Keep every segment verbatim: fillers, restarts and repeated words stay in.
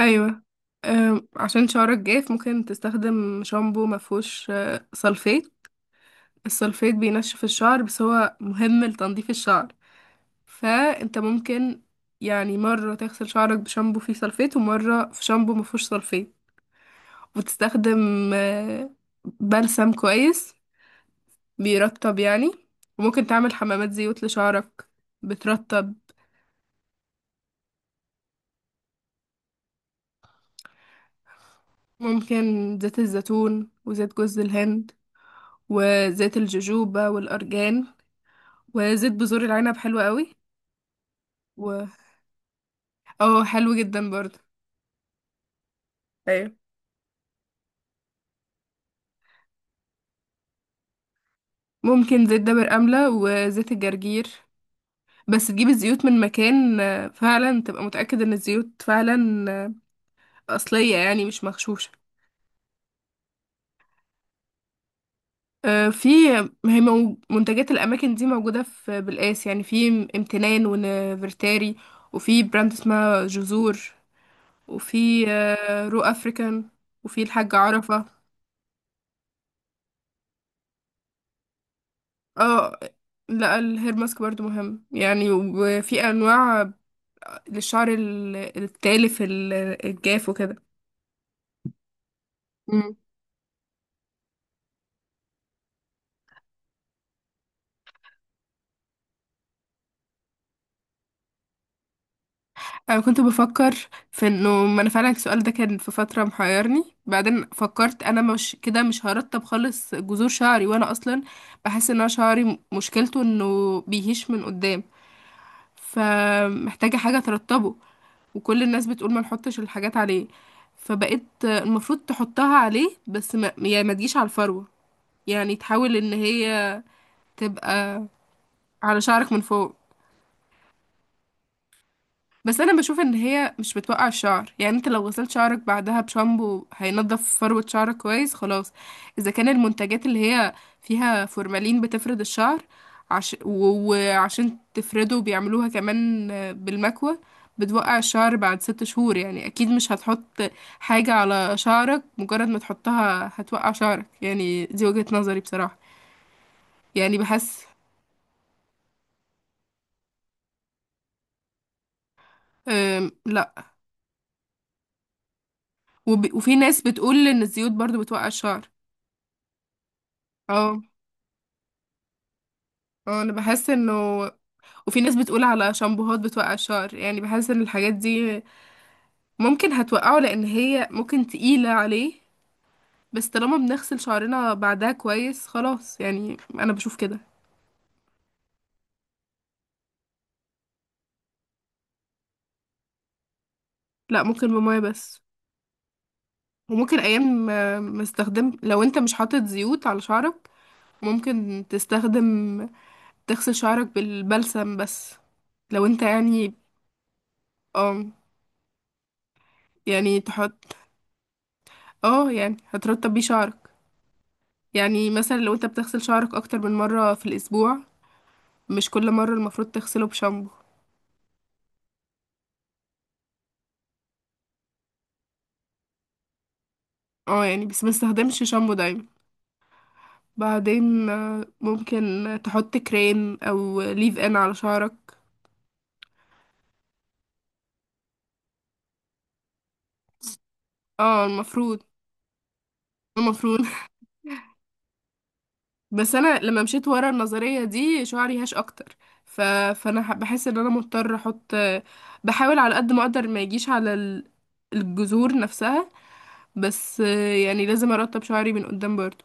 ايوه. أم، عشان شعرك جاف ممكن تستخدم شامبو مفهوش أه، سلفيت. السلفيت بينشف الشعر، بس هو مهم لتنظيف الشعر، فانت ممكن يعني مرة تغسل شعرك بشامبو فيه سلفيت ومرة في شامبو مفهوش سلفيت، وتستخدم أه، بلسم كويس بيرطب يعني. وممكن تعمل حمامات زيوت لشعرك بترطب. ممكن زيت الزيتون وزيت جوز الهند وزيت الجوجوبا والأرجان، وزيت بذور العنب حلو قوي. و اه، حلو جدا برضه. ايوه. ممكن زيت دابر أملة وزيت الجرجير، بس تجيب الزيوت من مكان آه، فعلا تبقى متأكد ان الزيوت فعلا آه، أصلية يعني مش مغشوشة. آه، في، هي مو- منتجات الأماكن دي موجودة في بالقاس، يعني في ام- امتنان ونفرتاري، وفي براند اسمها جذور، وفي آه، رو أفريكان، وفي الحاج عرفة. اه، لا، الهير ماسك برضو مهم يعني، وفي انواع للشعر ال- التالف ال- الجاف وكده. مم. انا كنت بفكر في انه، ما انا فعلا السؤال ده كان في فتره محيرني، بعدين فكرت انا مش كده، مش هرطب خالص جذور شعري، وانا اصلا بحس ان انا شعري م- مشكلته انه بيهش من قدام، فمحتاجه حاجه ترطبه. وكل الناس بتقول ما نحطش الحاجات عليه، فبقيت المفروض تحطها عليه، بس ما يعني ما تجيش على الفروه، يعني تحاول ان هي تبقى على شعرك من فوق. بس انا بشوف ان هي مش بتوقع الشعر، يعني انت لو غسلت شعرك بعدها بشامبو هينضف فروة شعرك كويس خلاص. اذا كان المنتجات اللي هي فيها فورمالين بتفرد الشعر، عش... و- وعشان تفرده بيعملوها كمان بالمكوى، بتوقع الشعر بعد ست شهور، يعني اكيد مش هتحط حاجة على شعرك مجرد ما تحطها هتوقع شعرك. يعني دي وجهة نظري بصراحة، يعني بحس. أم، لا. وب... وفي ناس بتقول ان الزيوت برضو بتوقع الشعر. اه. اه، انا بحس انه، وفي ناس بتقول على شامبوهات بتوقع الشعر، يعني بحس ان الحاجات دي ممكن هتوقعه لان هي ممكن تقيلة عليه، بس طالما بنغسل شعرنا بعدها كويس خلاص، يعني انا بشوف كده. لا، ممكن بمية بس. وممكن ايام ما ما استخدم، لو انت مش حاطط زيوت على شعرك ممكن تستخدم تغسل شعرك بالبلسم بس، لو انت يعني. اه. يعني تحط، اه يعني هترطب بيه شعرك، يعني مثلا لو انت بتغسل شعرك اكتر من مرة في الاسبوع مش كل مرة المفروض تغسله بشامبو. اه يعني بس ما استخدمش شامبو دايما. بعدين آه، ممكن تحط كريم او ليف ان على شعرك. اه المفروض. المفروض بس انا لما مشيت ورا النظرية دي شعري هاش اكتر. ف... فانا ح- بحس ان انا مضطر احط، بحاول على قد ما اقدر ما يجيش على ال- الجذور نفسها، بس آه، يعني لازم ارطب شعري من قدام برضه.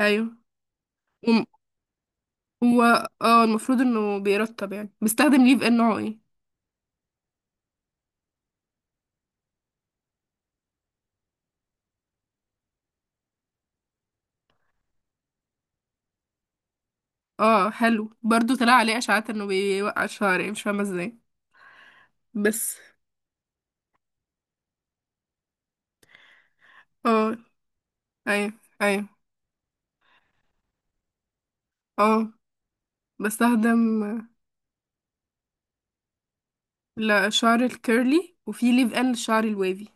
ايوه. وم- هو، اه المفروض انه بيرطب. يعني بستخدم ليف ان نوعه ايه. اه حلو برضو، طلع عليه اشاعات انه بيوقع الشعر يعني مش فاهمه ازاي. بس. اه. ايوه. ايوه. اه بستخدم. لا، شعر الكيرلي، وفي ليف ان للشعر الوافي.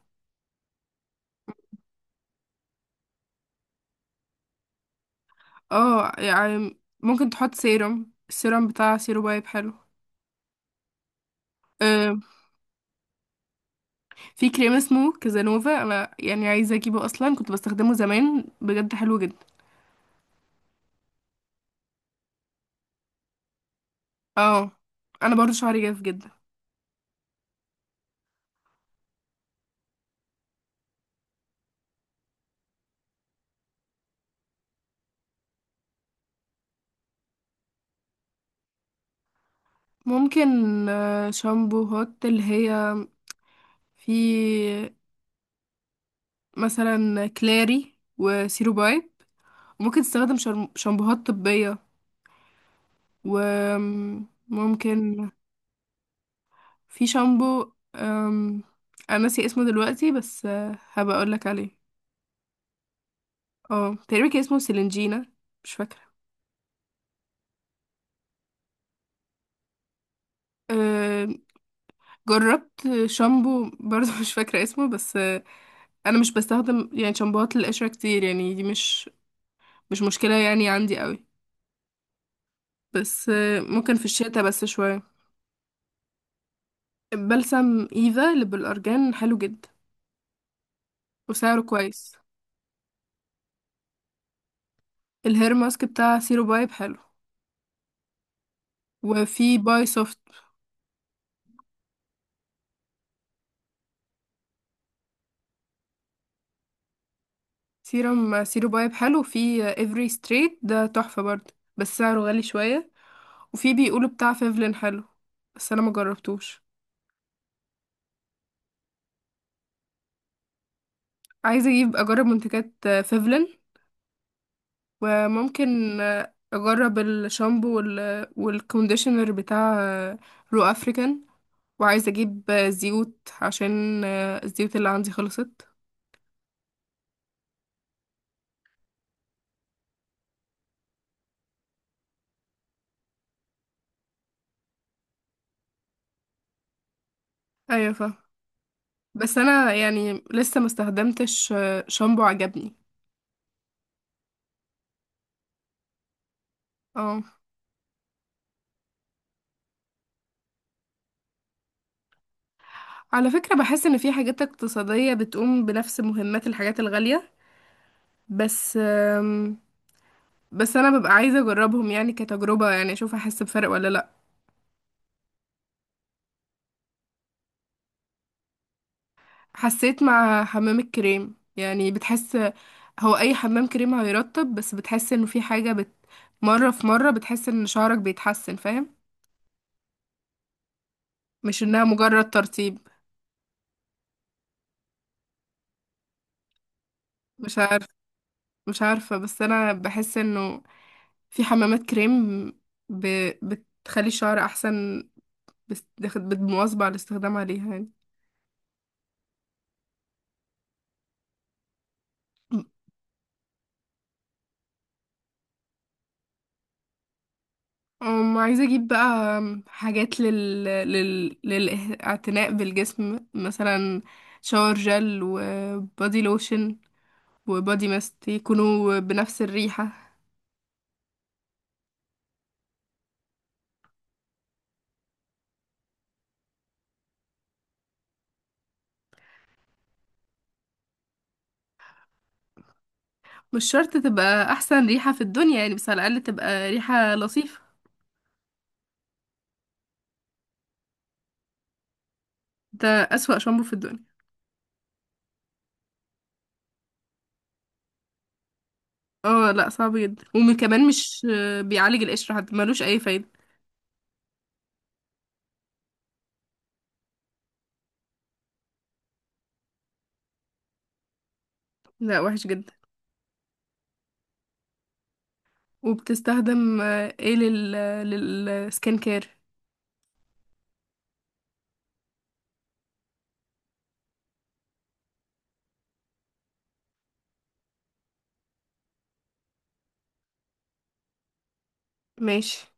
اه يعني ممكن تحط سيرم. السيرم بتاع سيرو بايب حلو. آه، في كريم اسمه كازانوفا، انا يعني عايزه اجيبه، اصلا كنت بستخدمه زمان، بجد حلو جدا. اه، انا برضو شعري جاف جدا. ممكن آه، شامبوهات اللي هي في مثلا كلاري وسيرو بايب. ممكن تستخدم شرم- شامبوهات طبية. وممكن. في شامبو آم، انا ناسي اسمه دلوقتي، بس آه، هبقى اقولك عليه. اه تقريبا كان اسمه سيلينجينا، مش فاكرة. آم، جربت شامبو برضه مش فاكرة اسمه، بس آه، انا مش بستخدم يعني شامبوهات للقشرة كتير، يعني دي مش مش مشكلة يعني عندي قوي. بس آه، ممكن في الشتاء بس شوية. البلسم ايفا اللي بالأرجان حلو جدا وسعره كويس. الهير ماسك بتاع سيرو بايب حلو، وفي باي سوفت. سيرم سيرو بايب حلو، وفي افري ستريت ده تحفة برضه بس سعره غالي شوية، وفي بيقولوا بتاع فيفلين حلو بس انا ما جربتوش. عايزة اجيب، اجرب منتجات آه، فيفلين، وممكن آه، اجرب الشامبو وال... والكونديشنر بتاع آه، رو افريكان، وعايزة اجيب زيوت عشان آه، الزيوت اللي عندي خلصت. ايوه فاهمة، بس انا يعني لسه ما استخدمتش آه، شامبو عجبني. اه. على فكرة بحس ان في حاجات اقتصادية بتقوم بنفس مهمات الحاجات الغالية، بس آم، بس انا ببقى عايزة اجربهم يعني كتجربة، يعني اشوف احس بفرق ولا لا. حسيت مع حمام الكريم يعني بتحس. هو اي حمام كريم هيرطب، بس بتحس انه في حاجة بت، مرة في مرة بتحس ان شعرك بيتحسن، فاهم؟ مش انها مجرد ترطيب. مش عارف، مش عارفة، بس انا بحس انه في حمامات كريم ب... بتخلي الشعر احسن، بس بالمواظبة على الاستخدام عليها يعني. أم، عايزة أجيب بقى حاجات لل... لل... للاعتناء بالجسم مثلا، شاور جل وبادي لوشن وبادي ماست يكونوا بنفس الريحة. مش شرط تبقى أحسن ريحة في الدنيا يعني، بس على الأقل تبقى ريحة لطيفة. ده أسوأ شامبو في الدنيا. اه لا، صعب جدا، وكمان مش آه، بيعالج القشر حتى، ملوش اي فايدة. لا وحش جدا. وبتستخدم آه، ايه لل، للسكين كير؟ ماشي.